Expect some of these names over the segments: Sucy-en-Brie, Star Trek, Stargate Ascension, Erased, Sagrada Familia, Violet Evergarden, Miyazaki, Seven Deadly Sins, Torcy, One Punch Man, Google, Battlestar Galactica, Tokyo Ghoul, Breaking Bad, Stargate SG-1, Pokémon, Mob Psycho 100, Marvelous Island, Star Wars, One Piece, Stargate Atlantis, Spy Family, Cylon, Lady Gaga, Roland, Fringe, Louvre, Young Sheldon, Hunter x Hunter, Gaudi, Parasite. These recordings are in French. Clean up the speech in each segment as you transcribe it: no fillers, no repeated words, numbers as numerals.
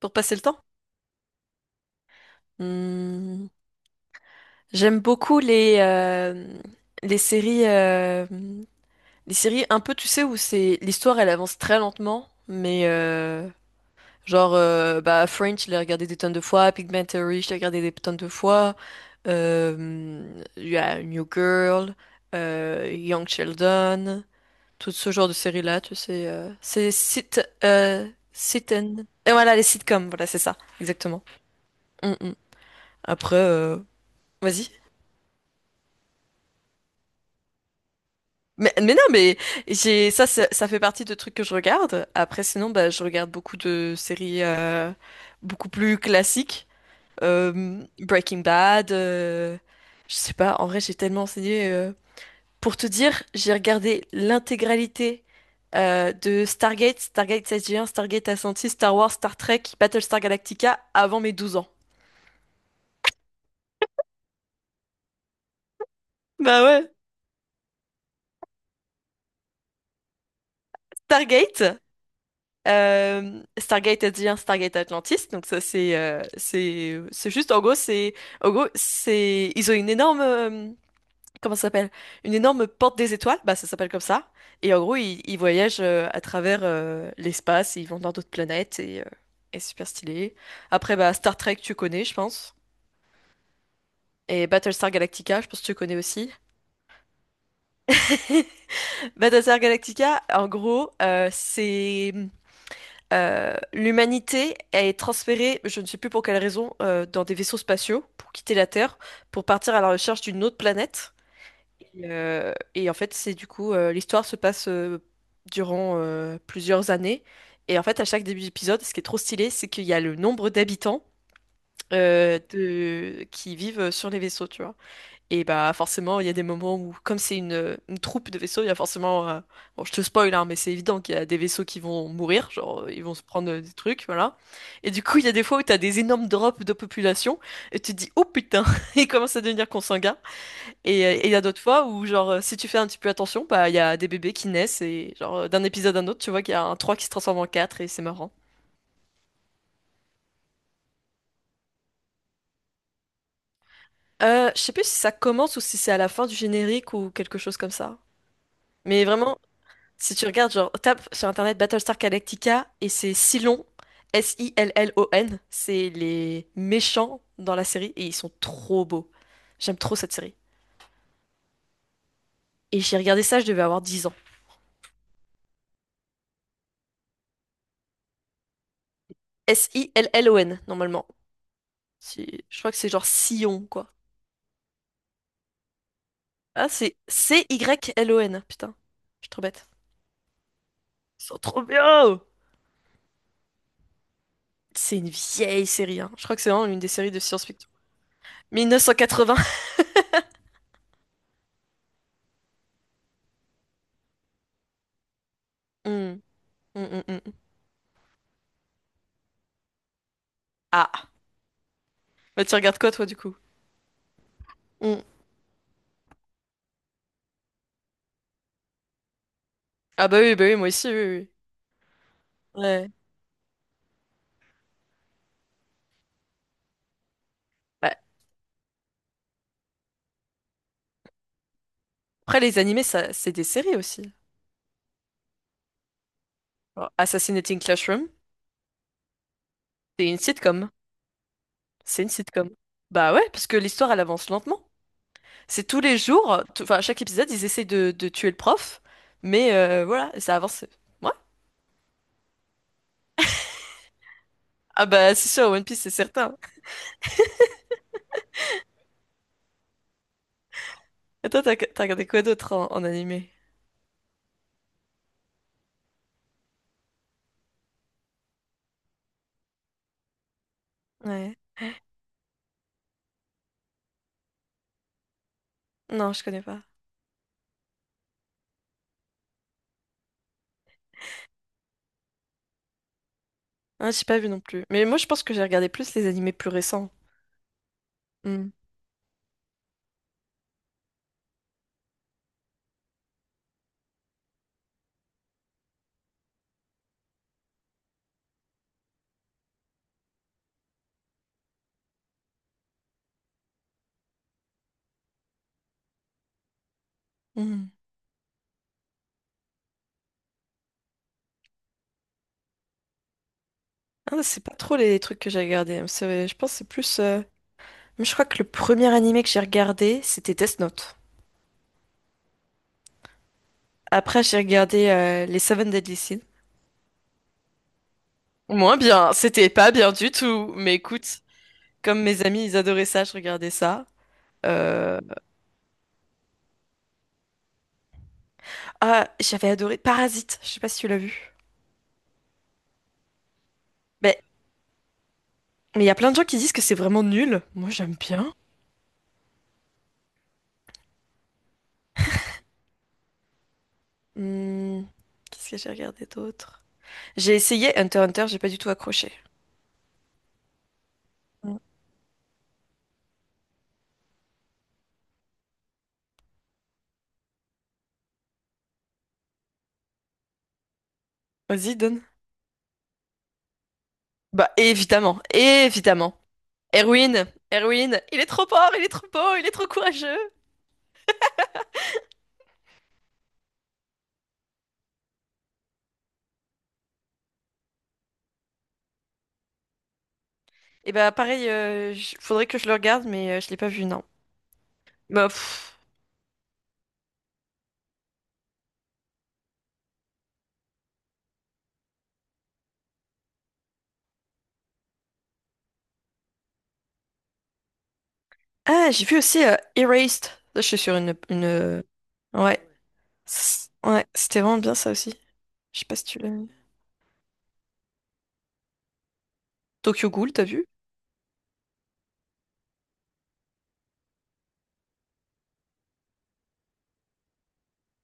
Pour passer le temps? Hmm. J'aime beaucoup les séries, euh, les séries un peu, tu sais, où c'est l'histoire, elle avance très lentement, mais genre, bah, Fringe, je l'ai regardé des tonnes de fois, Pigmentary, je l'ai regardé des tonnes de fois, il y a New Girl, Young Sheldon, tout ce genre de séries-là, tu sais, c'est sit, sit and... Et voilà, les sitcoms, voilà, c'est ça, exactement. Mm, mm. Après, vas-y. Mais non, mais j'ai ça fait partie de trucs que je regarde. Après, sinon, bah, je regarde beaucoup de séries beaucoup plus classiques. Breaking Bad. Je sais pas. En vrai, j'ai tellement enseigné. Pour te dire, j'ai regardé l'intégralité de Stargate, Stargate SG-1, Stargate Ascension, Star Wars, Star Trek, Battlestar Galactica avant mes 12 ans. Bah ouais. Stargate. Stargate Adrien, Stargate Atlantis, donc ça c'est juste en gros c'est ils ont une énorme comment ça s'appelle? Une énorme porte des étoiles, bah ça s'appelle comme ça. Et en gros ils voyagent à travers l'espace, ils vont dans d'autres planètes et super stylé. Après bah Star Trek tu connais je pense. Et Battlestar Galactica, je pense que tu connais aussi. Battlestar Galactica, en gros, c'est l'humanité est transférée, je ne sais plus pour quelle raison, dans des vaisseaux spatiaux pour quitter la Terre, pour partir à la recherche d'une autre planète. Et en fait, c'est du coup, l'histoire se passe durant plusieurs années. Et en fait, à chaque début d'épisode, ce qui est trop stylé, c'est qu'il y a le nombre d'habitants qui vivent sur les vaisseaux, tu vois. Et bah forcément, il y a des moments où, comme c'est une troupe de vaisseaux, il y a forcément. Bon, je te spoil, hein, mais c'est évident qu'il y a des vaisseaux qui vont mourir, genre ils vont se prendre des trucs, voilà. Et du coup, il y a des fois où t'as des énormes drops de population, et tu te dis, oh putain, il commence à devenir consanguin. Et il y a d'autres fois où, genre, si tu fais un petit peu attention, bah il y a des bébés qui naissent, et genre, d'un épisode à un autre, tu vois qu'il y a un 3 qui se transforme en 4 et c'est marrant. Je sais plus si ça commence ou si c'est à la fin du générique ou quelque chose comme ça. Mais vraiment. Si tu regardes, genre, tape sur internet Battlestar Galactica et c'est Cylon, Sillon. C'est les méchants dans la série et ils sont trop beaux. J'aime trop cette série. Et j'ai regardé ça, je devais avoir 10 ans. Sillon, normalement. Je crois que c'est genre Sillon, quoi. Ah, c'est Cylon, putain. Je suis trop bête. Ils sont trop bien! C'est une vieille série, hein. Je crois que c'est vraiment une des séries de science-fiction. 1980. Hmm, hmm, hmm, hmm. Ah, bah tu regardes quoi, toi, du coup? Hum. Ah bah oui, moi aussi, oui, oui. Oui. Ouais. Bah, après, les animés, ça, c'est des séries aussi. Genre, Assassinating Classroom, c'est une sitcom. C'est une sitcom. Bah ouais, parce que l'histoire, elle avance lentement. C'est tous les jours, enfin, à chaque épisode, ils essayent de tuer le prof, mais voilà, ça avance. Ouais. Ah bah, c'est sûr, One Piece, c'est certain. Et toi, t'as regardé quoi d'autre en animé? Ouais. Non, je connais pas. Ah, j'ai pas vu non plus. Mais moi, je pense que j'ai regardé plus les animés plus récents. Hmm. Hmm. Ah, c'est pas trop les trucs que j'ai regardés, hein. Je pense que c'est plus. Je crois que le premier animé que j'ai regardé, c'était Death Note. Après, j'ai regardé les Seven Deadly Sins. Moins bien, c'était pas bien du tout. Mais écoute, comme mes amis, ils adoraient ça, je regardais ça. Euh, Ah, j'avais adoré Parasite, je sais pas si tu l'as vu. Mais mais il y a plein de gens qui disent que c'est vraiment nul. Moi, j'aime bien. Hmm. Qu'est-ce que j'ai regardé d'autre? J'ai essayé Hunter x Hunter, j'ai pas du tout accroché. Hmm. Vas-y, donne. Bah, évidemment, évidemment. Erwin, Erwin, il est trop fort, il est trop beau, il est trop courageux. Et bah pareil, faudrait que je le regarde, mais je l'ai pas vu, non. Bah, pff. Ah, j'ai vu aussi Erased. Là, je suis sur une. Ouais. Ouais, c'était vraiment bien ça aussi. Je sais pas si tu l'as vu. Tokyo Ghoul, t'as vu?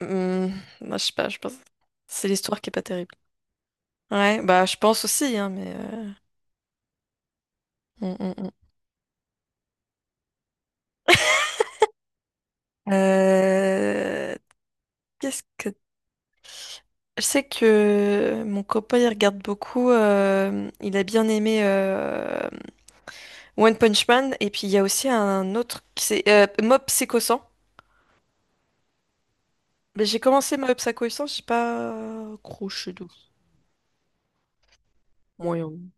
Hmm, bah, je sais pas, je pense. C'est l'histoire qui est pas terrible. Ouais, bah je pense aussi, hein, mais. Hum, hum. Euh, Qu'est-ce que. Je sais que mon copain, il regarde beaucoup. Il a bien aimé One Punch Man, et puis il y a aussi un autre qui c'est Mob Psycho 100. Mais j'ai commencé Mob Psycho 100, j'ai pas accroché de moyen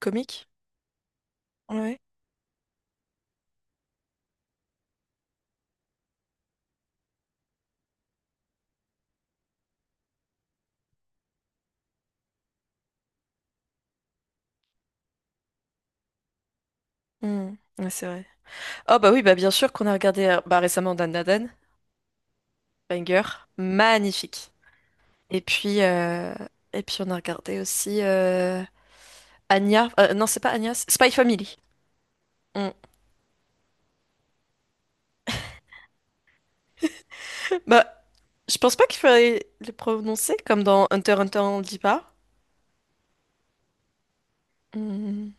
comique. Ouais. Hmm. Ouais, c'est vrai. Oh bah oui, bah bien sûr qu'on a regardé bah, récemment Dan Da Dan, banger, magnifique. Et puis euh, et puis on a regardé aussi Anya, non c'est pas Anya, c'est Spy Family. Hmm. Bah je pense pas qu'il fallait le prononcer comme dans Hunter x Hunter on le dit pas. Hmm.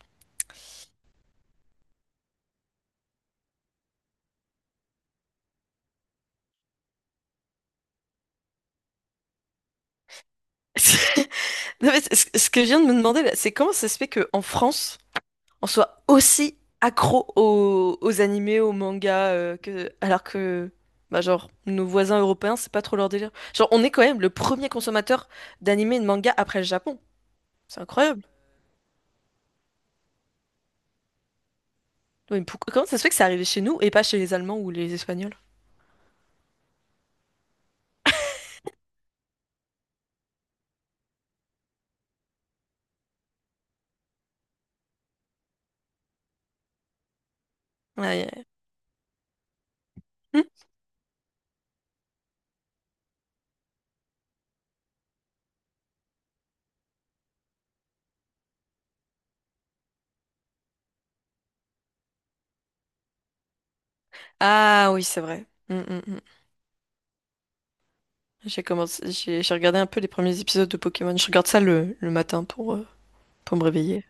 Non, mais ce que je viens de me demander, là, c'est comment ça se fait qu'en France, on soit aussi accro aux animés, aux mangas, alors que, bah, genre, nos voisins européens, c'est pas trop leur délire. Genre, on est quand même le premier consommateur d'animés et de mangas après le Japon. C'est incroyable. Oui, mais comment ça se fait que c'est arrivé chez nous et pas chez les Allemands ou les Espagnols? Ouais, ouais. Hmm. Ah oui, c'est vrai. Hmm, hmm, hmm. J'ai commencé, j'ai regardé un peu les premiers épisodes de Pokémon. Je regarde ça le matin pour me réveiller.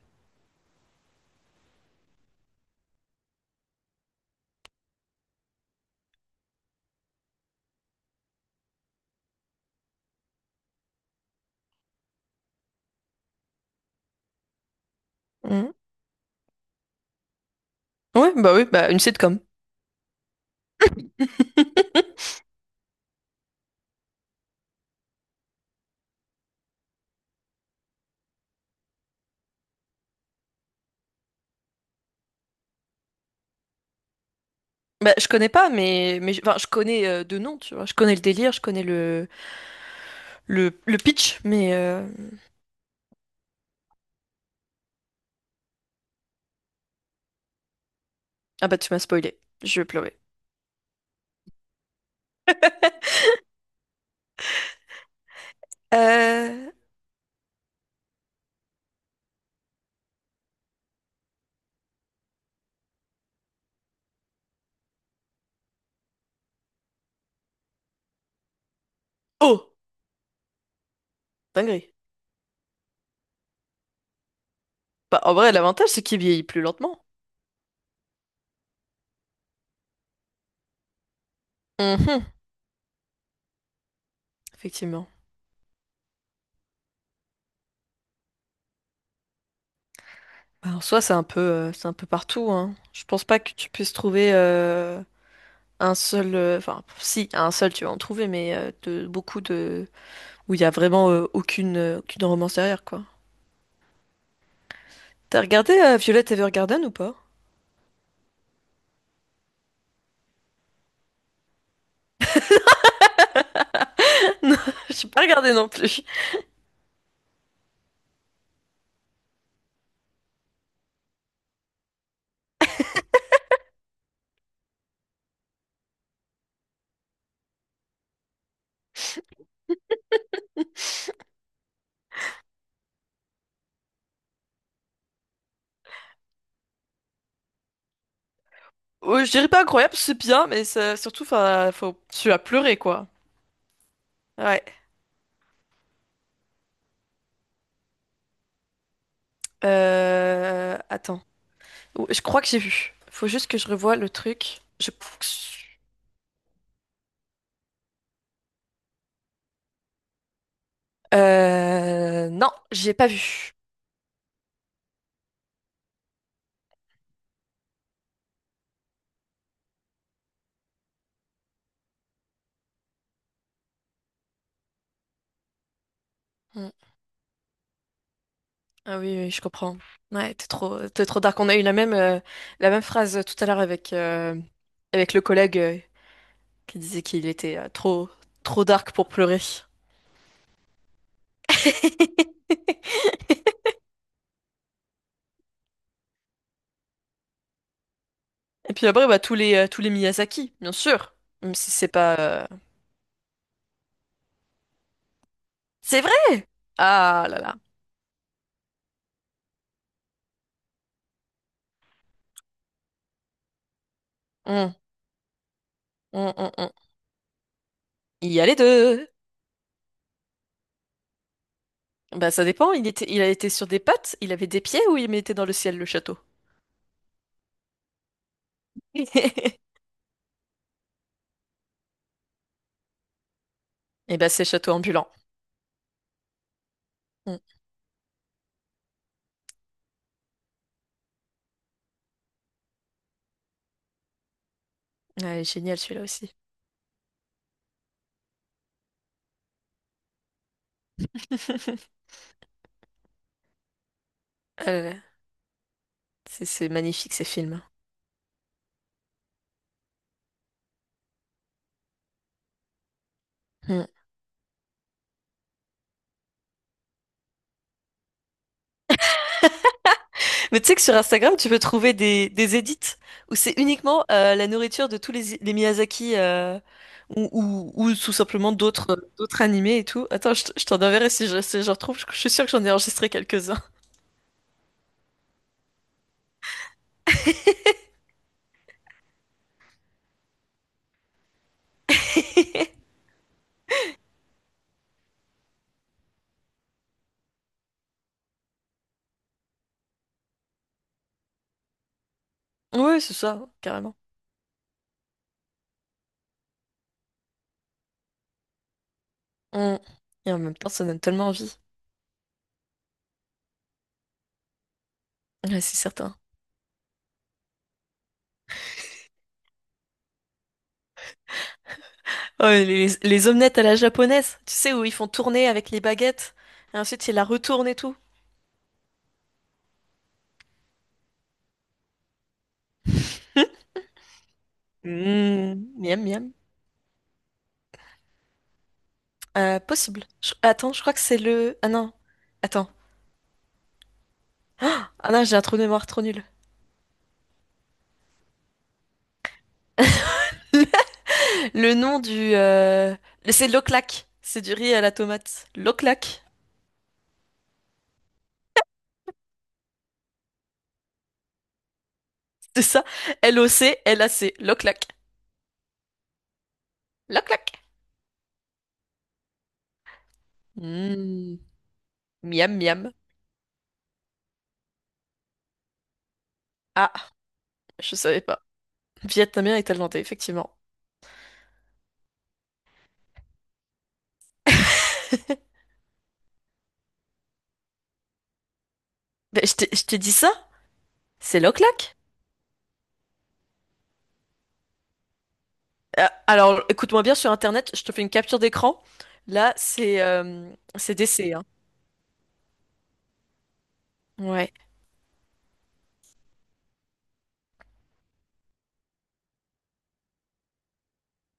Mhm. Ouais, bah oui, bah une sitcom. Bah, je connais pas, mais enfin, je connais de nom, tu vois. Je connais le délire, je connais le pitch, mais. Ah bah tu m'as spoilé, je vais pleurer. Euh... Oh, dinguerie. Bah en vrai, l'avantage, c'est qu'il vieillit plus lentement. Mhm, effectivement. Bah, en soi, c'est un peu partout, hein. Je pense pas que tu puisses trouver un seul, enfin, si, un seul, tu vas en trouver, mais de beaucoup de où il y a vraiment aucune romance derrière, quoi. T'as regardé Violet Evergarden ou pas? Non, j'ai pas regardé non plus. Oh, je dirais pas incroyable, c'est bien, mais surtout, enfin, faut, tu as pleuré, quoi. Ouais. Attends. Oh, je crois que j'ai vu. Faut juste que je revoie le truc. Non, j'ai pas vu. Hmm. Ah oui, oui, je comprends. Ouais, t'es trop dark. On a eu la même phrase tout à l'heure avec le collègue qui disait qu'il était trop, trop dark pour pleurer. Et puis après, bah, tous les Miyazaki, bien sûr. Même si c'est pas. C'est vrai! Ah là là. Hum, hum, hum, hum. Il y a les deux. Bah, ça dépend. Il était, il a été sur des pattes, il avait des pieds ou il mettait dans le ciel le château? Et bah, c'est château ambulant. Hum. Ouais, génial celui-là aussi. Ah là là. C'est magnifique ces films. Hmm. Mais tu sais que sur Instagram, tu peux trouver des edits où c'est uniquement la nourriture de tous les Miyazaki ou tout simplement d'autres animés et tout. Attends, je t'en enverrai si je retrouve. Je suis sûre que j'en ai enregistré quelques-uns. Oui, c'est ça, carrément. Hmm. Et en même temps, ça donne tellement envie. Ouais, c'est certain. Oh, et les omelettes à la japonaise, tu sais, où ils font tourner avec les baguettes et ensuite ils la retournent et tout. Mmh, miam, miam. Possible. Attends, je crois que c'est le. Ah non. Attends. Ah non, j'ai un trou de mémoire trop nul. Le nom du. C'est l'oclac. C'est du riz à la tomate. L'oclac. C'est ça. Loclac. L'oclac. L'oclac. Mm. Miam miam. Ah, je savais pas. Vietnamien et thaïlandais, effectivement. Ben, je t'ai dit ça? C'est l'oclac? Alors, écoute-moi bien sur Internet, je te fais une capture d'écran. Là, c'est DC, hein. Ouais.